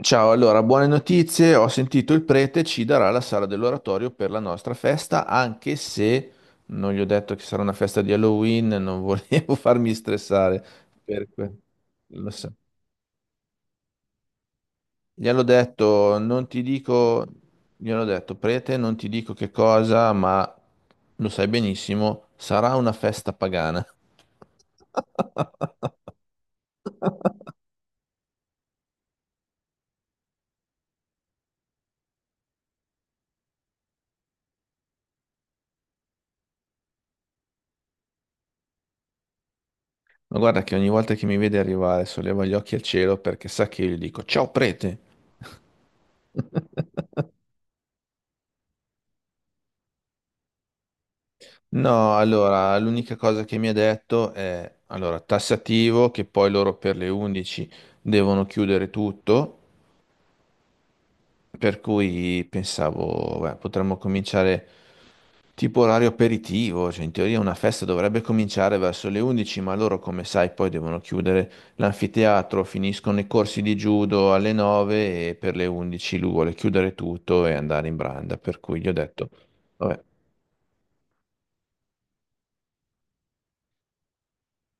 Ciao, allora, buone notizie. Ho sentito il prete ci darà la sala dell'oratorio per la nostra festa, anche se non gli ho detto che sarà una festa di Halloween, non volevo farmi stressare. Per que- Lo so. Gli hanno detto, non ti dico, gli hanno detto, prete, non ti dico che cosa, ma lo sai benissimo, sarà una festa pagana. Ma guarda che ogni volta che mi vede arrivare solleva gli occhi al cielo perché sa che io gli dico, ciao prete. No, allora, l'unica cosa che mi ha detto è, allora, tassativo, che poi loro per le 11 devono chiudere tutto, per cui pensavo, beh, potremmo cominciare tipo orario aperitivo, cioè in teoria una festa dovrebbe cominciare verso le 11, ma loro, come sai, poi devono chiudere l'anfiteatro, finiscono i corsi di judo alle 9 e per le 11 lui vuole chiudere tutto e andare in branda, per cui gli ho detto... Vabbè,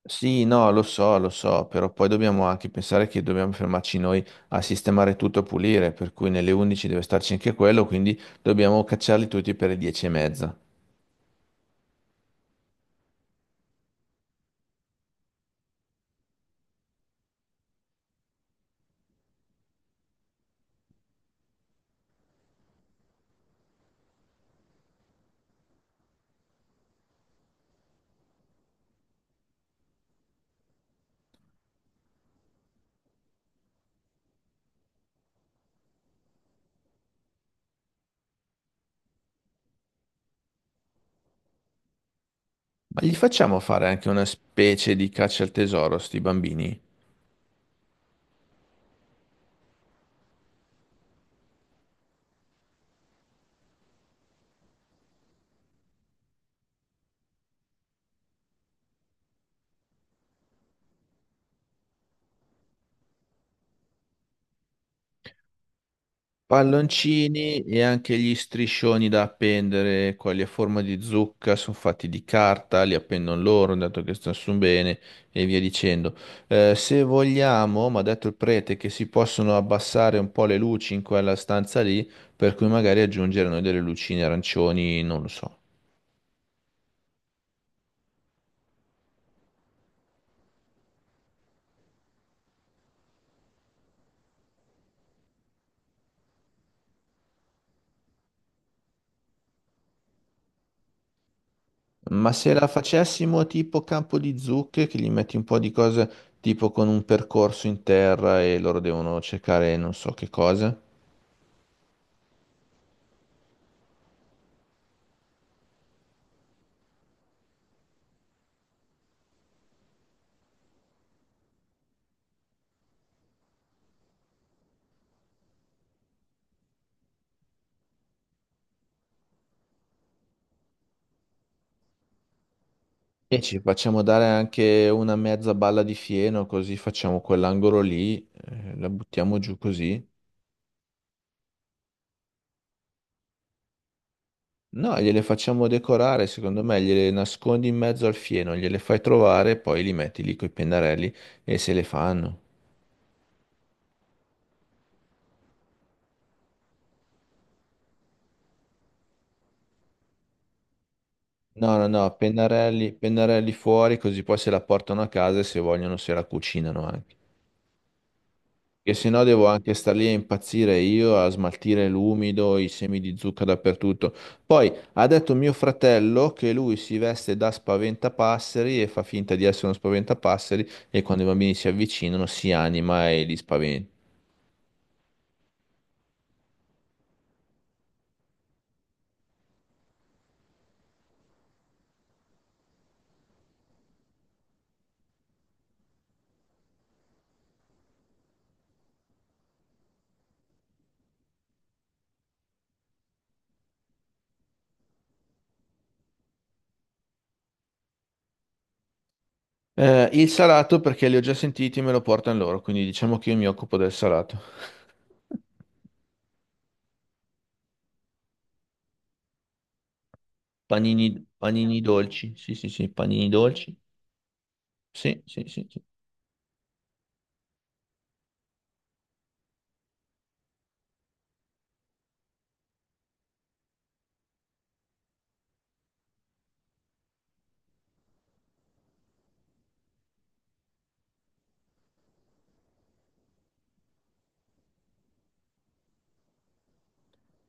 sì, no, lo so, però poi dobbiamo anche pensare che dobbiamo fermarci noi a sistemare tutto e pulire, per cui nelle 11 deve starci anche quello, quindi dobbiamo cacciarli tutti per le 10 e mezza. Ma gli facciamo fare anche una specie di caccia al tesoro, sti bambini? Palloncini e anche gli striscioni da appendere, quelli a forma di zucca, sono fatti di carta, li appendono loro, dato che stanno su bene e via dicendo. Se vogliamo, mi ha detto il prete, che si possono abbassare un po' le luci in quella stanza lì, per cui magari aggiungere noi delle lucine arancioni, non lo so. Ma se la facessimo tipo campo di zucche, che gli metti un po' di cose tipo con un percorso in terra e loro devono cercare non so che cosa. E ci facciamo dare anche una mezza balla di fieno, così facciamo quell'angolo lì, la buttiamo giù così. No, gliele facciamo decorare, secondo me, gliele nascondi in mezzo al fieno, gliele fai trovare, poi li metti lì coi pennarelli e se le fanno. No, no, no, pennarelli, pennarelli fuori, così poi se la portano a casa e se vogliono se la cucinano anche. Che se no devo anche star lì a impazzire io, a smaltire l'umido, i semi di zucca dappertutto. Poi ha detto mio fratello che lui si veste da spaventapasseri e fa finta di essere uno spaventapasseri e quando i bambini si avvicinano si anima e li spaventa. Il salato perché li ho già sentiti e me lo portano loro, quindi diciamo che io mi occupo del salato. Panini, panini dolci, sì sì sì, panini dolci, sì sì sì. Sì.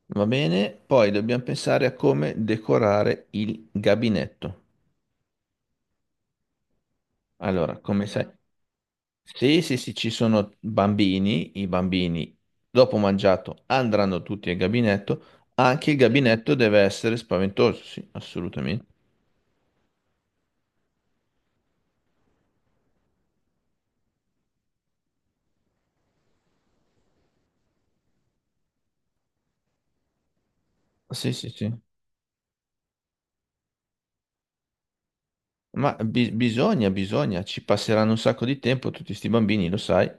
Va bene, poi dobbiamo pensare a come decorare il gabinetto. Allora, come sai, mm, sì, sì, sì, ci sono bambini, i bambini dopo mangiato andranno tutti al gabinetto, anche il gabinetto deve essere spaventoso, sì, assolutamente. Sì, sì, sì. Ma bisogna, bisogna, ci passeranno un sacco di tempo tutti sti bambini, lo sai.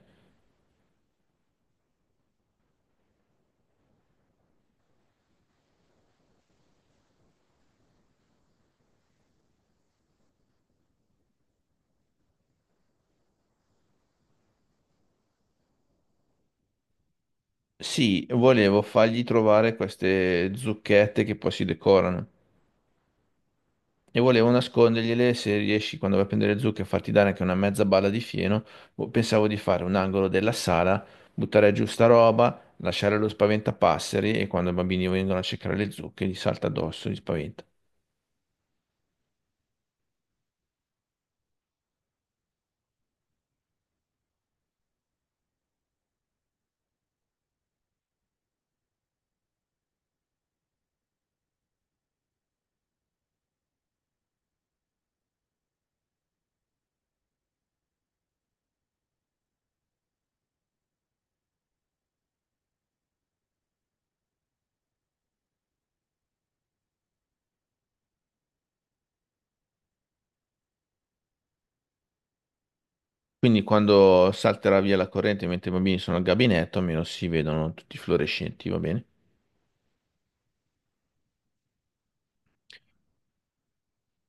Sì, volevo fargli trovare queste zucchette che poi si decorano. E volevo nascondergliele se riesci quando vai a prendere le zucche a farti dare anche una mezza balla di fieno. Boh, pensavo di fare un angolo della sala, buttare giù sta roba, lasciare lo spaventapasseri e quando i bambini vengono a cercare le zucche gli salta addosso, li spaventa. Quindi quando salterà via la corrente mentre i bambini sono al gabinetto, almeno si vedono tutti fluorescenti, va bene?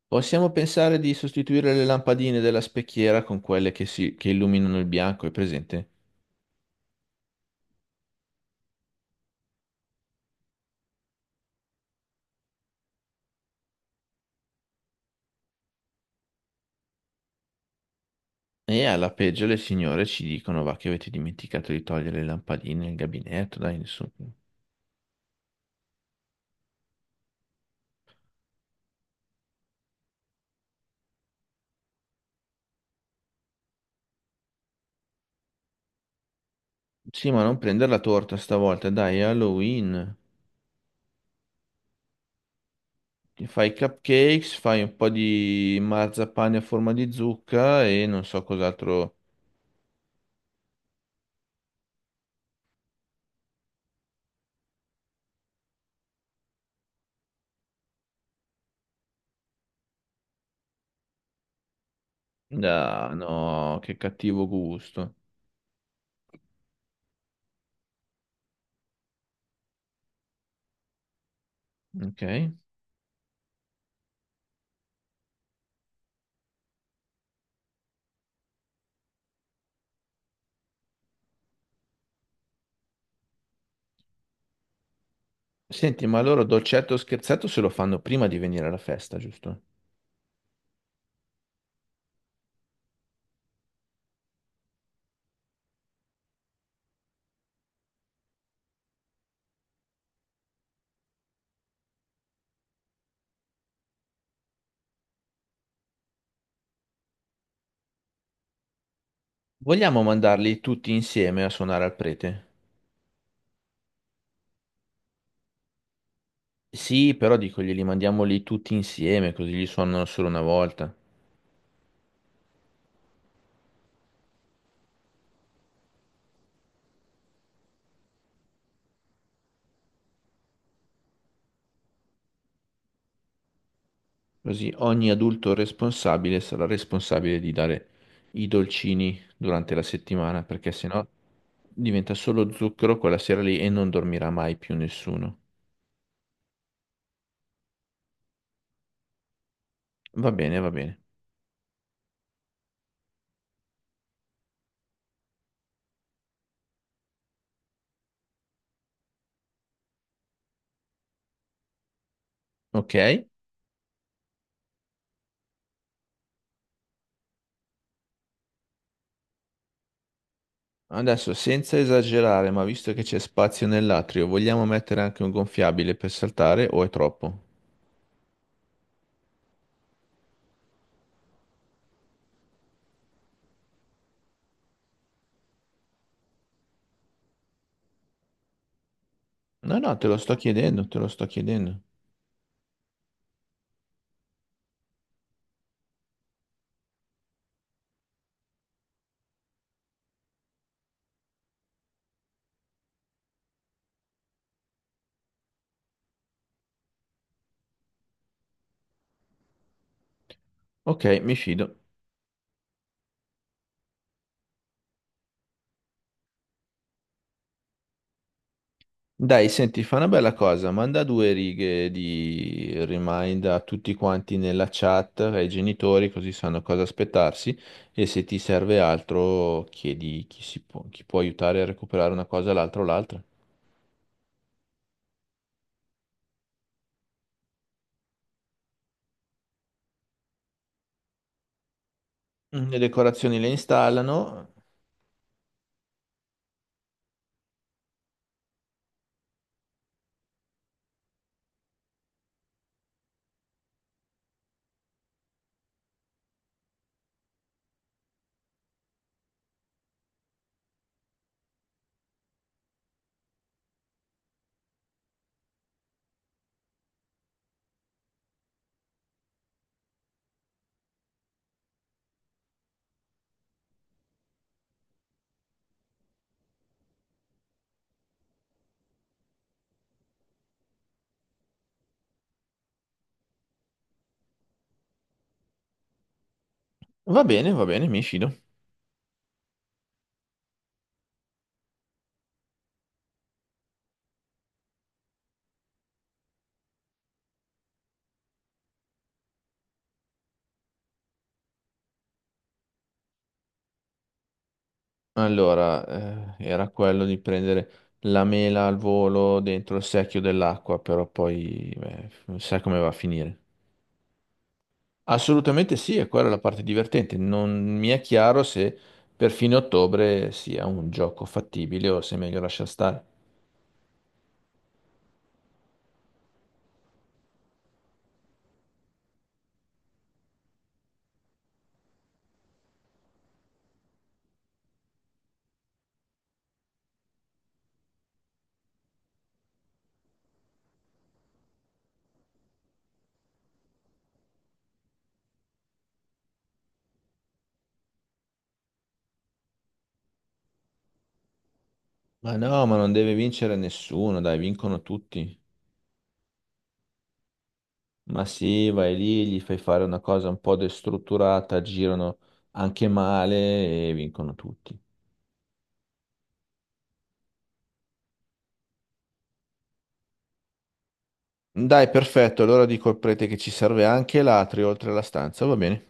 Possiamo pensare di sostituire le lampadine della specchiera con quelle che, si, che illuminano il bianco, è presente? E alla peggio le signore ci dicono, va, che avete dimenticato di togliere le lampadine nel gabinetto, dai, nessuno. Sì, ma non prendere la torta stavolta, dai, è Halloween. Ti fai i cupcakes, fai un po' di marzapane a forma di zucca e non so cos'altro. Ah, no, che cattivo gusto. Ok. Senti, ma loro dolcetto o scherzetto se lo fanno prima di venire alla festa, giusto? Vogliamo mandarli tutti insieme a suonare al prete? Sì, però dico, glieli mandiamo lì tutti insieme, così li suonano solo una volta. Così ogni adulto responsabile sarà responsabile di dare i dolcini durante la settimana, perché sennò diventa solo zucchero quella sera lì e non dormirà mai più nessuno. Va bene, va bene. Ok? Adesso, senza esagerare, ma visto che c'è spazio nell'atrio, vogliamo mettere anche un gonfiabile per saltare o è troppo? No, no, te lo sto chiedendo, te lo sto chiedendo. Ok, mi fido. Dai, senti, fa una bella cosa, manda due righe di remind a tutti quanti nella chat, ai genitori, così sanno cosa aspettarsi e se ti serve altro chiedi chi, si può, chi può aiutare a recuperare una cosa, l'altra o l'altra. Mm, le decorazioni le installano. Va bene, mi fido. Allora, era quello di prendere la mela al volo dentro il secchio dell'acqua, però poi, beh, sai come va a finire. Assolutamente sì, e quella è la parte divertente. Non mi è chiaro se per fine ottobre sia un gioco fattibile o se è meglio lasciar stare. Ma no, ma non deve vincere nessuno, dai, vincono tutti. Ma sì, vai lì, gli fai fare una cosa un po' destrutturata, girano anche male e vincono tutti. Dai, perfetto, allora dico al prete che ci serve anche l'atrio oltre alla stanza, va bene?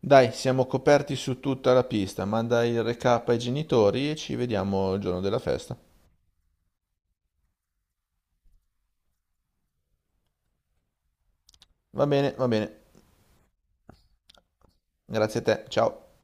Dai, siamo coperti su tutta la pista, manda il recap ai genitori e ci vediamo il giorno della festa. Va bene, va bene. Grazie a te, ciao.